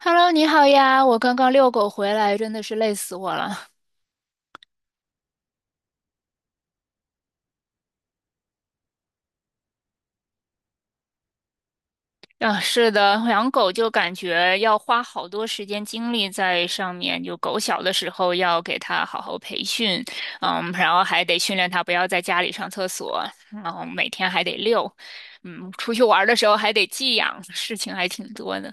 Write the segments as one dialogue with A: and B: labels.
A: Hello，你好呀！我刚刚遛狗回来，真的是累死我了。啊，是的，养狗就感觉要花好多时间精力在上面。就狗小的时候要给它好好培训，然后还得训练它不要在家里上厕所，然后每天还得遛，出去玩儿的时候还得寄养，事情还挺多的。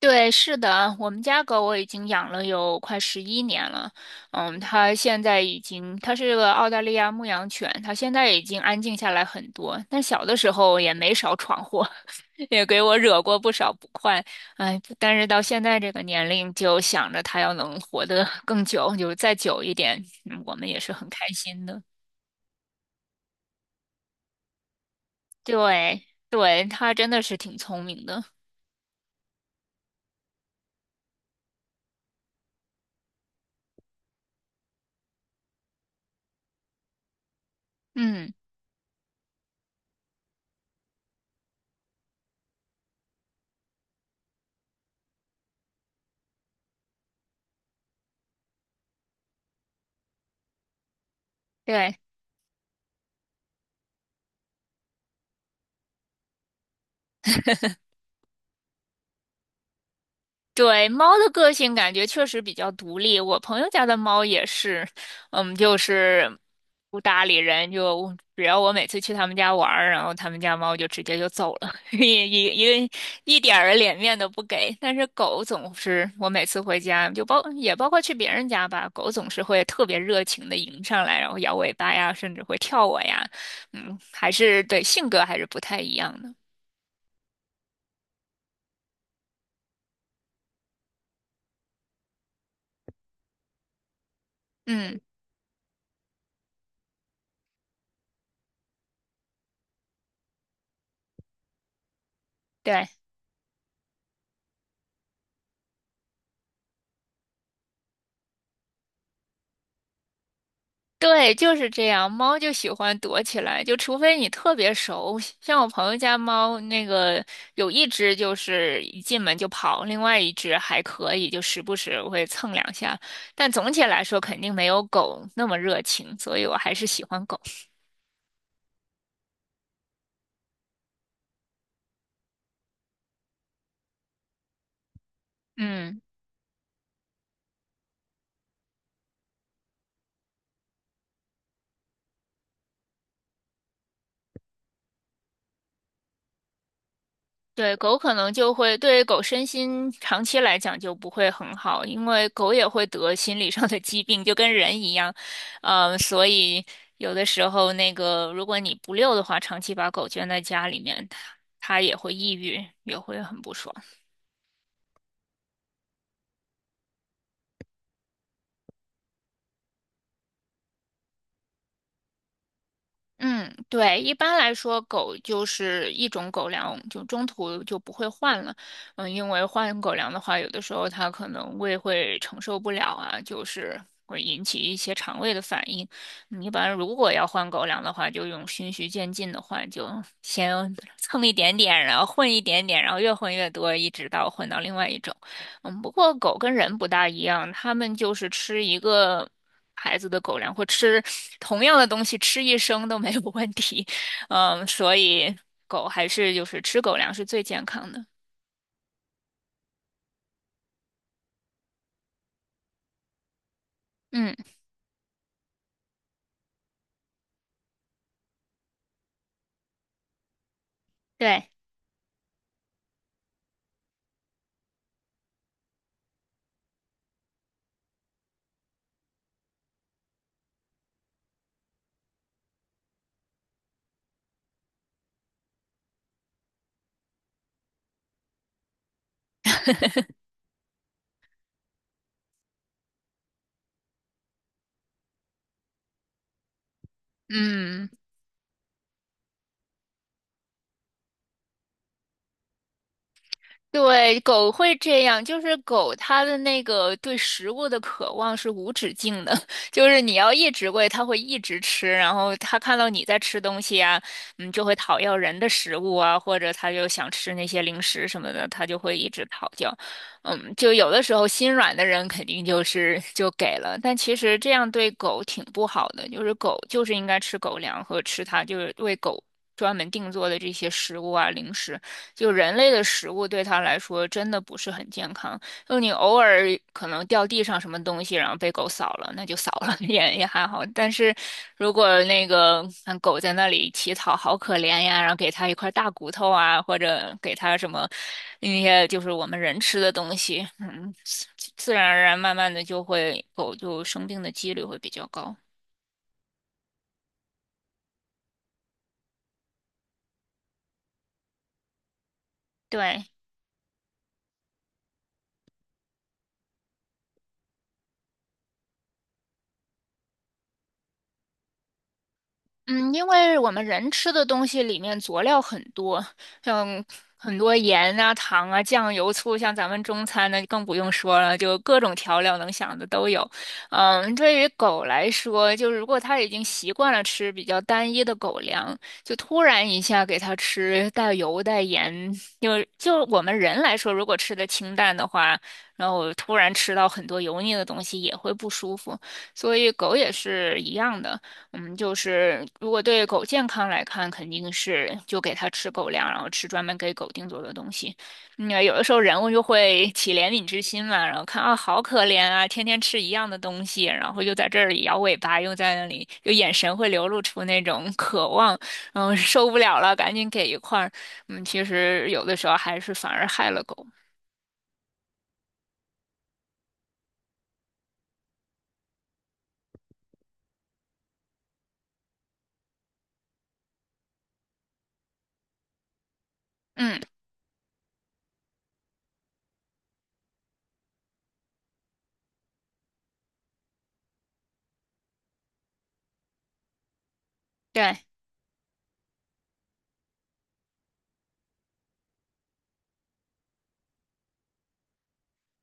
A: 对，是的，我们家狗我已经养了有快十一年了。它现在已经，它是个澳大利亚牧羊犬，它现在已经安静下来很多。但小的时候也没少闯祸，也给我惹过不少不快。哎，但是到现在这个年龄，就想着它要能活得 更久，就是再久一点，我们也是很开心的。对，对，它真的是挺聪明的。嗯，对。对，猫的个性感觉确实比较独立。我朋友家的猫也是，就是不搭理人，就只要我每次去他们家玩儿，然后他们家猫就直接就走了，一个一点儿脸面都不给。但是狗总是，我每次回家就包也包括去别人家吧，狗总是会特别热情的迎上来，然后摇尾巴呀，甚至会跳我呀，还是对性格还是不太一样的，嗯，对。对，就是这样。猫就喜欢躲起来，就除非你特别熟，像我朋友家猫，那个有一只就是一进门就跑，另外一只还可以，就时不时会蹭两下。但总体来说，肯定没有狗那么热情，所以我还是喜欢狗。嗯。对，狗可能就会对狗身心长期来讲就不会很好，因为狗也会得心理上的疾病，就跟人一样。所以有的时候那个，如果你不遛的话，长期把狗圈在家里面，它也会抑郁，也会很不爽。嗯，对，一般来说，狗就是一种狗粮，就中途就不会换了。因为换狗粮的话，有的时候它可能胃会承受不了啊，就是会引起一些肠胃的反应。一般如果要换狗粮的话，就用循序渐进的换，就先蹭一点点，然后混一点点，然后越混越多，一直到混到另外一种。不过狗跟人不大一样，它们就是吃一个。孩子的狗粮，或吃同样的东西吃一生都没有问题。所以狗还是就是吃狗粮是最健康的。嗯，对，嗯。对，狗会这样，就是狗它的那个对食物的渴望是无止境的，就是你要一直喂，它会一直吃，然后它看到你在吃东西啊，就会讨要人的食物啊，或者它就想吃那些零食什么的，它就会一直讨要。就有的时候心软的人肯定就是就给了，但其实这样对狗挺不好的，就是狗就是应该吃狗粮和吃它就是为狗专门定做的这些食物啊零食。就人类的食物对他来说真的不是很健康。就你偶尔可能掉地上什么东西，然后被狗扫了，那就扫了，也还好。但是如果那个看狗在那里乞讨，好可怜呀，然后给它一块大骨头啊，或者给它什么那些就是我们人吃的东西，自然而然慢慢的就会狗就生病的几率会比较高。对，嗯，因为我们人吃的东西里面佐料很多，像很多盐啊、糖啊、酱油、醋，像咱们中餐呢更不用说了，就各种调料能想的都有。对于狗来说，就是如果它已经习惯了吃比较单一的狗粮，就突然一下给它吃带油带盐，就我们人来说，如果吃的清淡的话，然后突然吃到很多油腻的东西也会不舒服，所以狗也是一样的。就是如果对狗健康来看，肯定是就给它吃狗粮，然后吃专门给狗定做的东西。因为有的时候人物就会起怜悯之心嘛，然后看啊，好可怜啊，天天吃一样的东西，然后又在这里摇尾巴，又在那里，就眼神会流露出那种渴望，然后受不了了，赶紧给一块儿。其实有的时候还是反而害了狗。嗯，对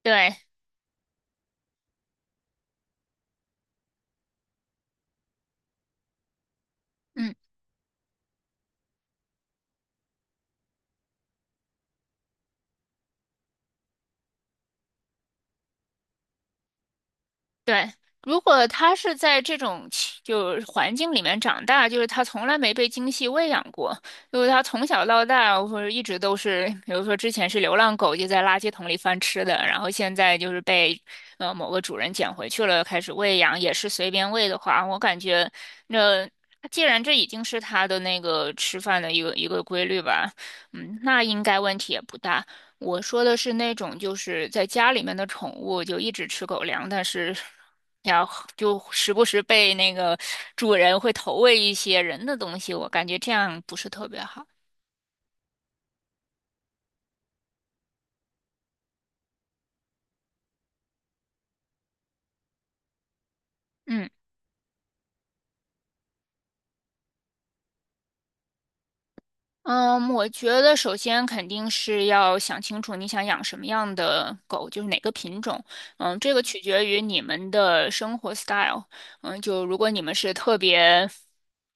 A: 对，嗯。对，如果他是在这种气就是环境里面长大，就是他从来没被精细喂养过，就是他从小到大或者一直都是，比如说之前是流浪狗，就在垃圾桶里翻吃的，然后现在就是被某个主人捡回去了，开始喂养，也是随便喂的话，我感觉那。既然这已经是他的那个吃饭的一个规律吧，那应该问题也不大。我说的是那种就是在家里面的宠物，就一直吃狗粮，但是然后就时不时被那个主人会投喂一些人的东西，我感觉这样不是特别好。嗯。嗯，我觉得首先肯定是要想清楚你想养什么样的狗，就是哪个品种。这个取决于你们的生活 style。就如果你们是特别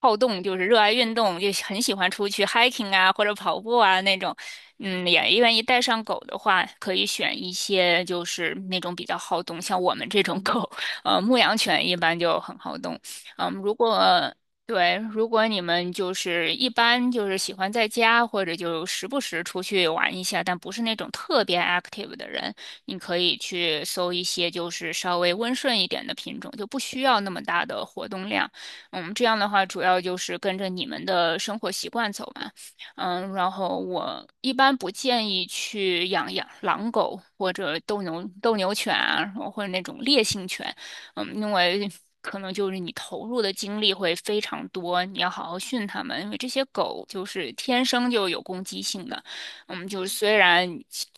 A: 好动，就是热爱运动，就很喜欢出去 hiking 啊或者跑步啊那种，也愿意带上狗的话，可以选一些就是那种比较好动，像我们这种狗，牧羊犬一般就很好动。嗯，如果对，如果你们就是一般就是喜欢在家，或者就时不时出去玩一下，但不是那种特别 active 的人，你可以去搜一些就是稍微温顺一点的品种，就不需要那么大的活动量。这样的话主要就是跟着你们的生活习惯走嘛。然后我一般不建议去养狼狗或者斗牛犬啊，或者那种烈性犬。因为可能就是你投入的精力会非常多，你要好好训它们，因为这些狗就是天生就有攻击性的，就是虽然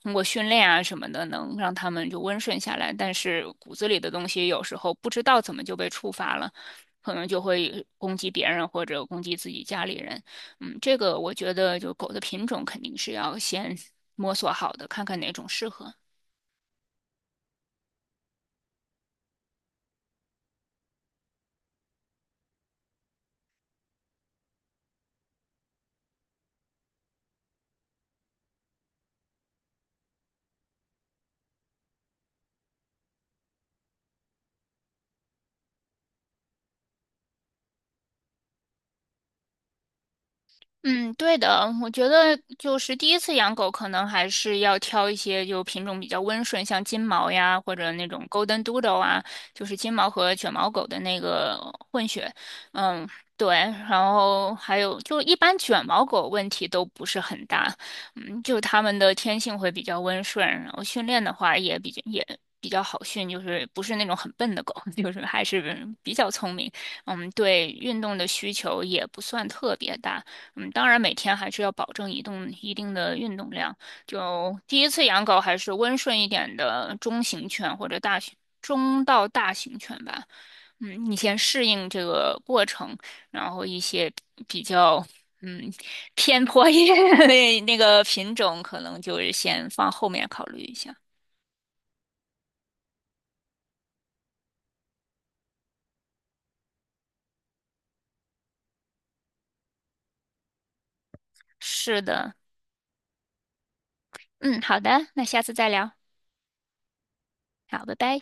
A: 通过训练啊什么的能让它们就温顺下来，但是骨子里的东西有时候不知道怎么就被触发了。可能就会攻击别人或者攻击自己家里人，这个我觉得就狗的品种肯定是要先摸索好的，看看哪种适合。嗯，对的，我觉得就是第一次养狗，可能还是要挑一些就品种比较温顺，像金毛呀，或者那种 Golden Doodle 啊，就是金毛和卷毛狗的那个混血。嗯，对，然后还有就一般卷毛狗问题都不是很大，就它们的天性会比较温顺，然后训练的话也比较也。比较好训，就是不是那种很笨的狗，就是还是比较聪明。对运动的需求也不算特别大。当然每天还是要保证移动一定的运动量。就第一次养狗还是温顺一点的中型犬或者大型中到大型犬吧。你先适应这个过程，然后一些比较嗯偏颇一点的那个品种，可能就是先放后面考虑一下。是的，嗯，好的，那下次再聊。好，拜拜。